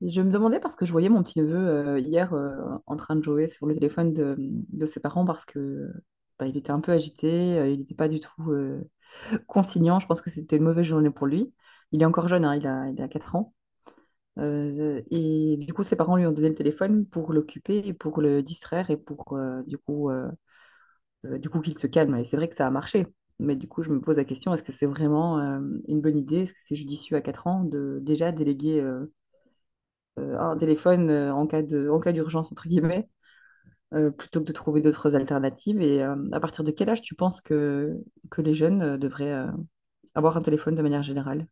Je me demandais parce que je voyais mon petit-neveu hier, en train de jouer sur le téléphone de ses parents parce que il était un peu agité, il n'était pas du tout conciliant. Je pense que c'était une mauvaise journée pour lui. Il est encore jeune, hein, il a 4 ans. Et du coup, ses parents lui ont donné le téléphone pour l'occuper et pour le distraire et pour du coup qu'il se calme. Et c'est vrai que ça a marché. Mais du coup, je me pose la question, est-ce que c'est vraiment une bonne idée? Est-ce que c'est judicieux à 4 ans de déjà déléguer un téléphone en cas en cas d'urgence, entre guillemets, plutôt que de trouver d'autres alternatives. À partir de quel âge tu penses que les jeunes devraient avoir un téléphone de manière générale?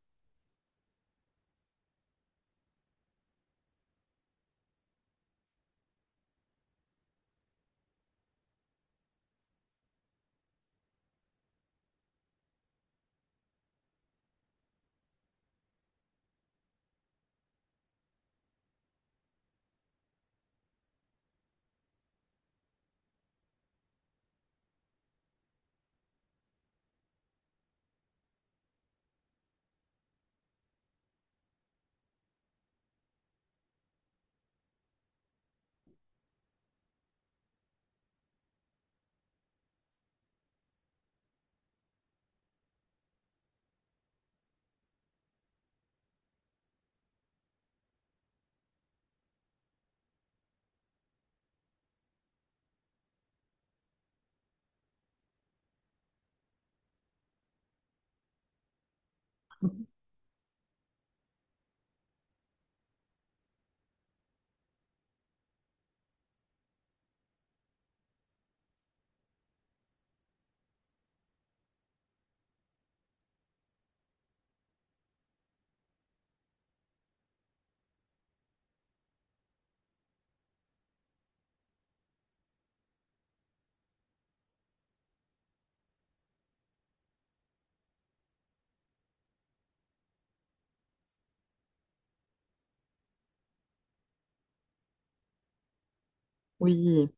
Oui,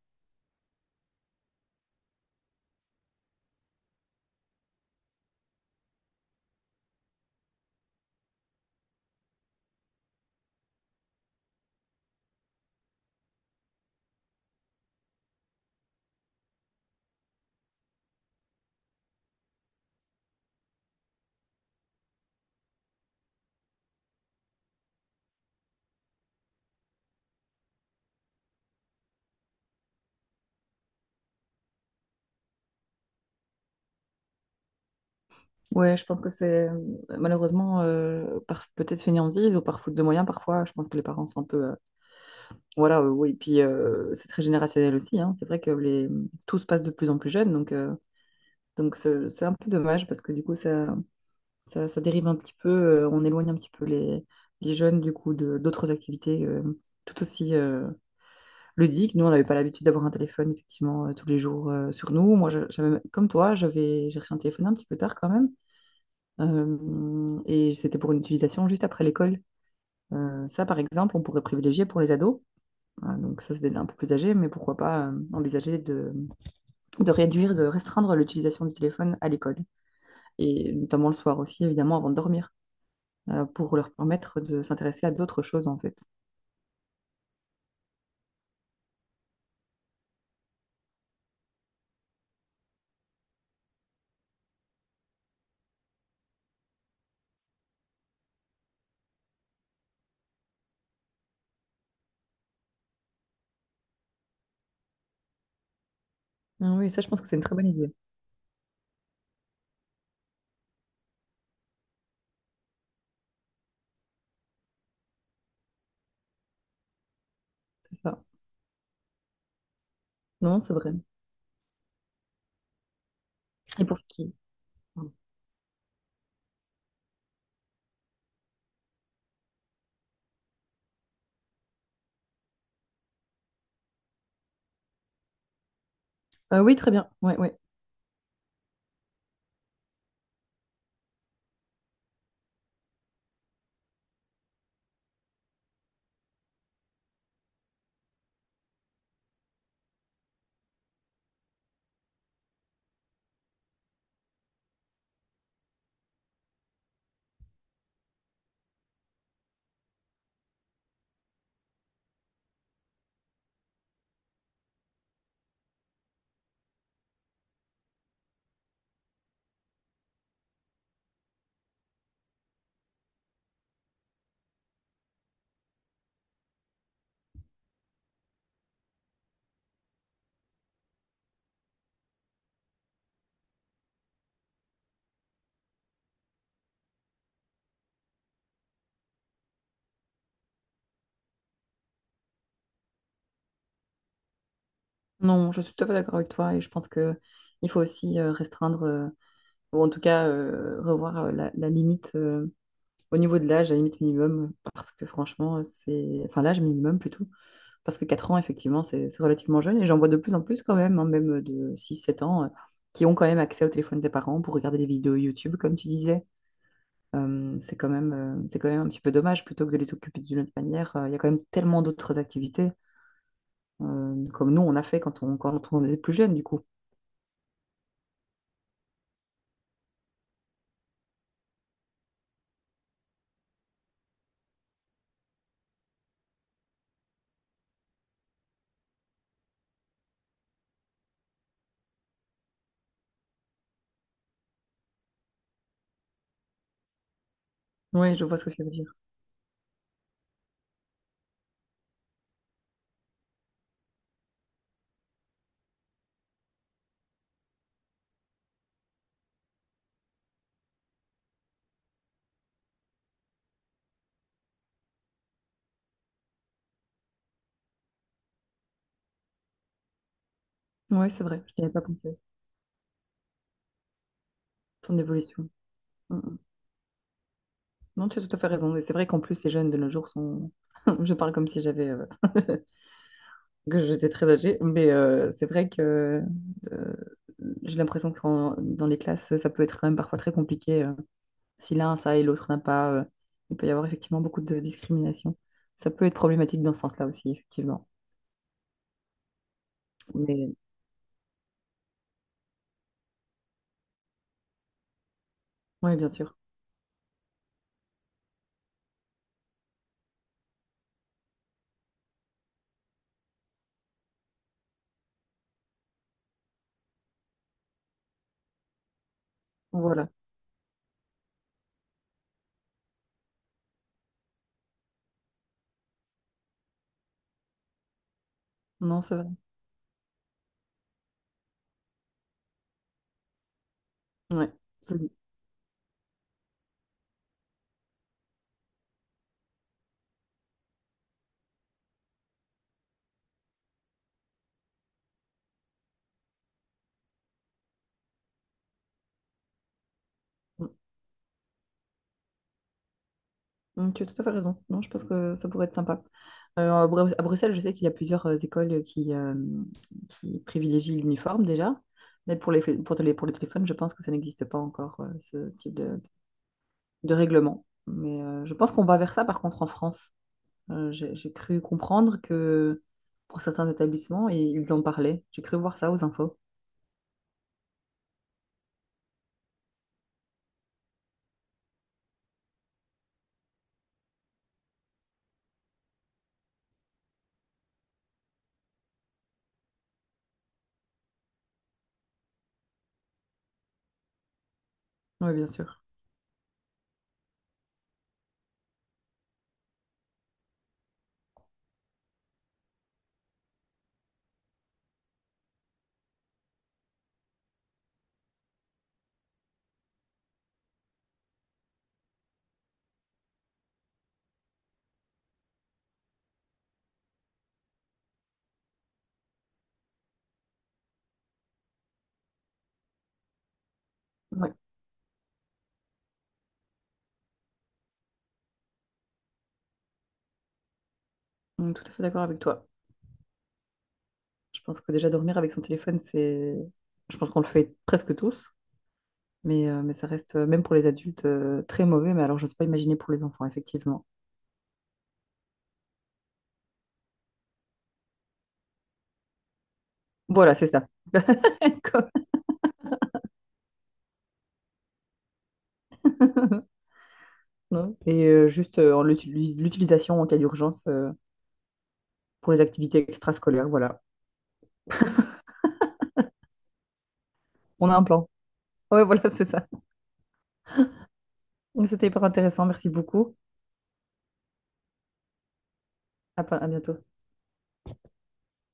ouais, je pense que c'est malheureusement par peut-être fainéantise ou par faute de moyens parfois. Je pense que les parents sont un peu, voilà, oui. Puis c'est très générationnel aussi, hein. C'est vrai que les tout se passe de plus en plus jeune, donc c'est un peu dommage parce que du coup ça dérive un petit peu, on éloigne un petit peu les jeunes du coup de d'autres activités tout aussi ludiques. Nous, on n'avait pas l'habitude d'avoir un téléphone effectivement tous les jours sur nous. Moi, comme toi, j'ai reçu un téléphone un petit peu tard quand même. Et c'était pour une utilisation juste après l'école. Ça, par exemple, on pourrait privilégier pour les ados. Donc ça, c'est un peu plus âgé, mais pourquoi pas envisager de réduire, de restreindre l'utilisation du téléphone à l'école, et notamment le soir aussi, évidemment, avant de dormir. Pour leur permettre de s'intéresser à d'autres choses, en fait. Ah oui, ça, je pense que c'est une très bonne idée. C'est ça. Non, c'est vrai. Et pour ce qui... Pardon. Oui, très bien. Oui, oui. Non, je suis tout à fait d'accord avec toi et je pense que il faut aussi restreindre, ou en tout cas revoir la limite au niveau de l'âge, la limite minimum, parce que franchement, c'est... Enfin, l'âge minimum plutôt, parce que 4 ans, effectivement, c'est relativement jeune et j'en vois de plus en plus quand même, hein, même de 6 7 ans, qui ont quand même accès au téléphone des parents pour regarder des vidéos YouTube, comme tu disais. C'est quand même un petit peu dommage plutôt que de les occuper d'une autre manière. Il y a quand même tellement d'autres activités, comme nous, on a fait quand on était plus jeune, du coup. Oui, je vois ce que tu veux dire. Oui, c'est vrai, je n'y avais pas pensé. Ton évolution. Mm, mm. Non, tu as tout à fait raison. Et c'est vrai qu'en plus, les jeunes de nos jours sont. Je parle comme si j'avais, que j'étais très âgée, mais c'est vrai que euh, j'ai l'impression que dans les classes, ça peut être quand même parfois très compliqué. Si l'un a ça et l'autre n'a pas, il peut y avoir effectivement beaucoup de discrimination. Ça peut être problématique dans ce sens-là aussi, effectivement. Mais oui, bien sûr. Voilà. Non, c'est vrai. Ouais. C'est- Mm. Mm, tu as tout à fait raison. Non, je pense que ça pourrait être sympa. À à Bruxelles, je sais qu'il y a plusieurs écoles qui privilégient l'uniforme déjà. Mais pour pour les téléphones, je pense que ça n'existe pas encore, ce type de règlement. Mais je pense qu'on va vers ça, par contre, en France. J'ai cru comprendre que pour certains établissements, et ils en parlaient. J'ai cru voir ça aux infos. Oui, bien sûr. Oui, on est tout à fait d'accord avec toi. Je pense que déjà dormir avec son téléphone, c'est... Je pense qu'on le fait presque tous, mais ça reste, même pour les adultes, très mauvais. Mais alors, je n'ose pas imaginer pour les enfants, effectivement. Voilà, c'est ça. Quoi Non. Et juste en l'utilisation en cas d'urgence, pour les activités extrascolaires, voilà. On a un plan. Ouais, voilà, c'est ça. C'était hyper intéressant. Merci beaucoup. À à bientôt.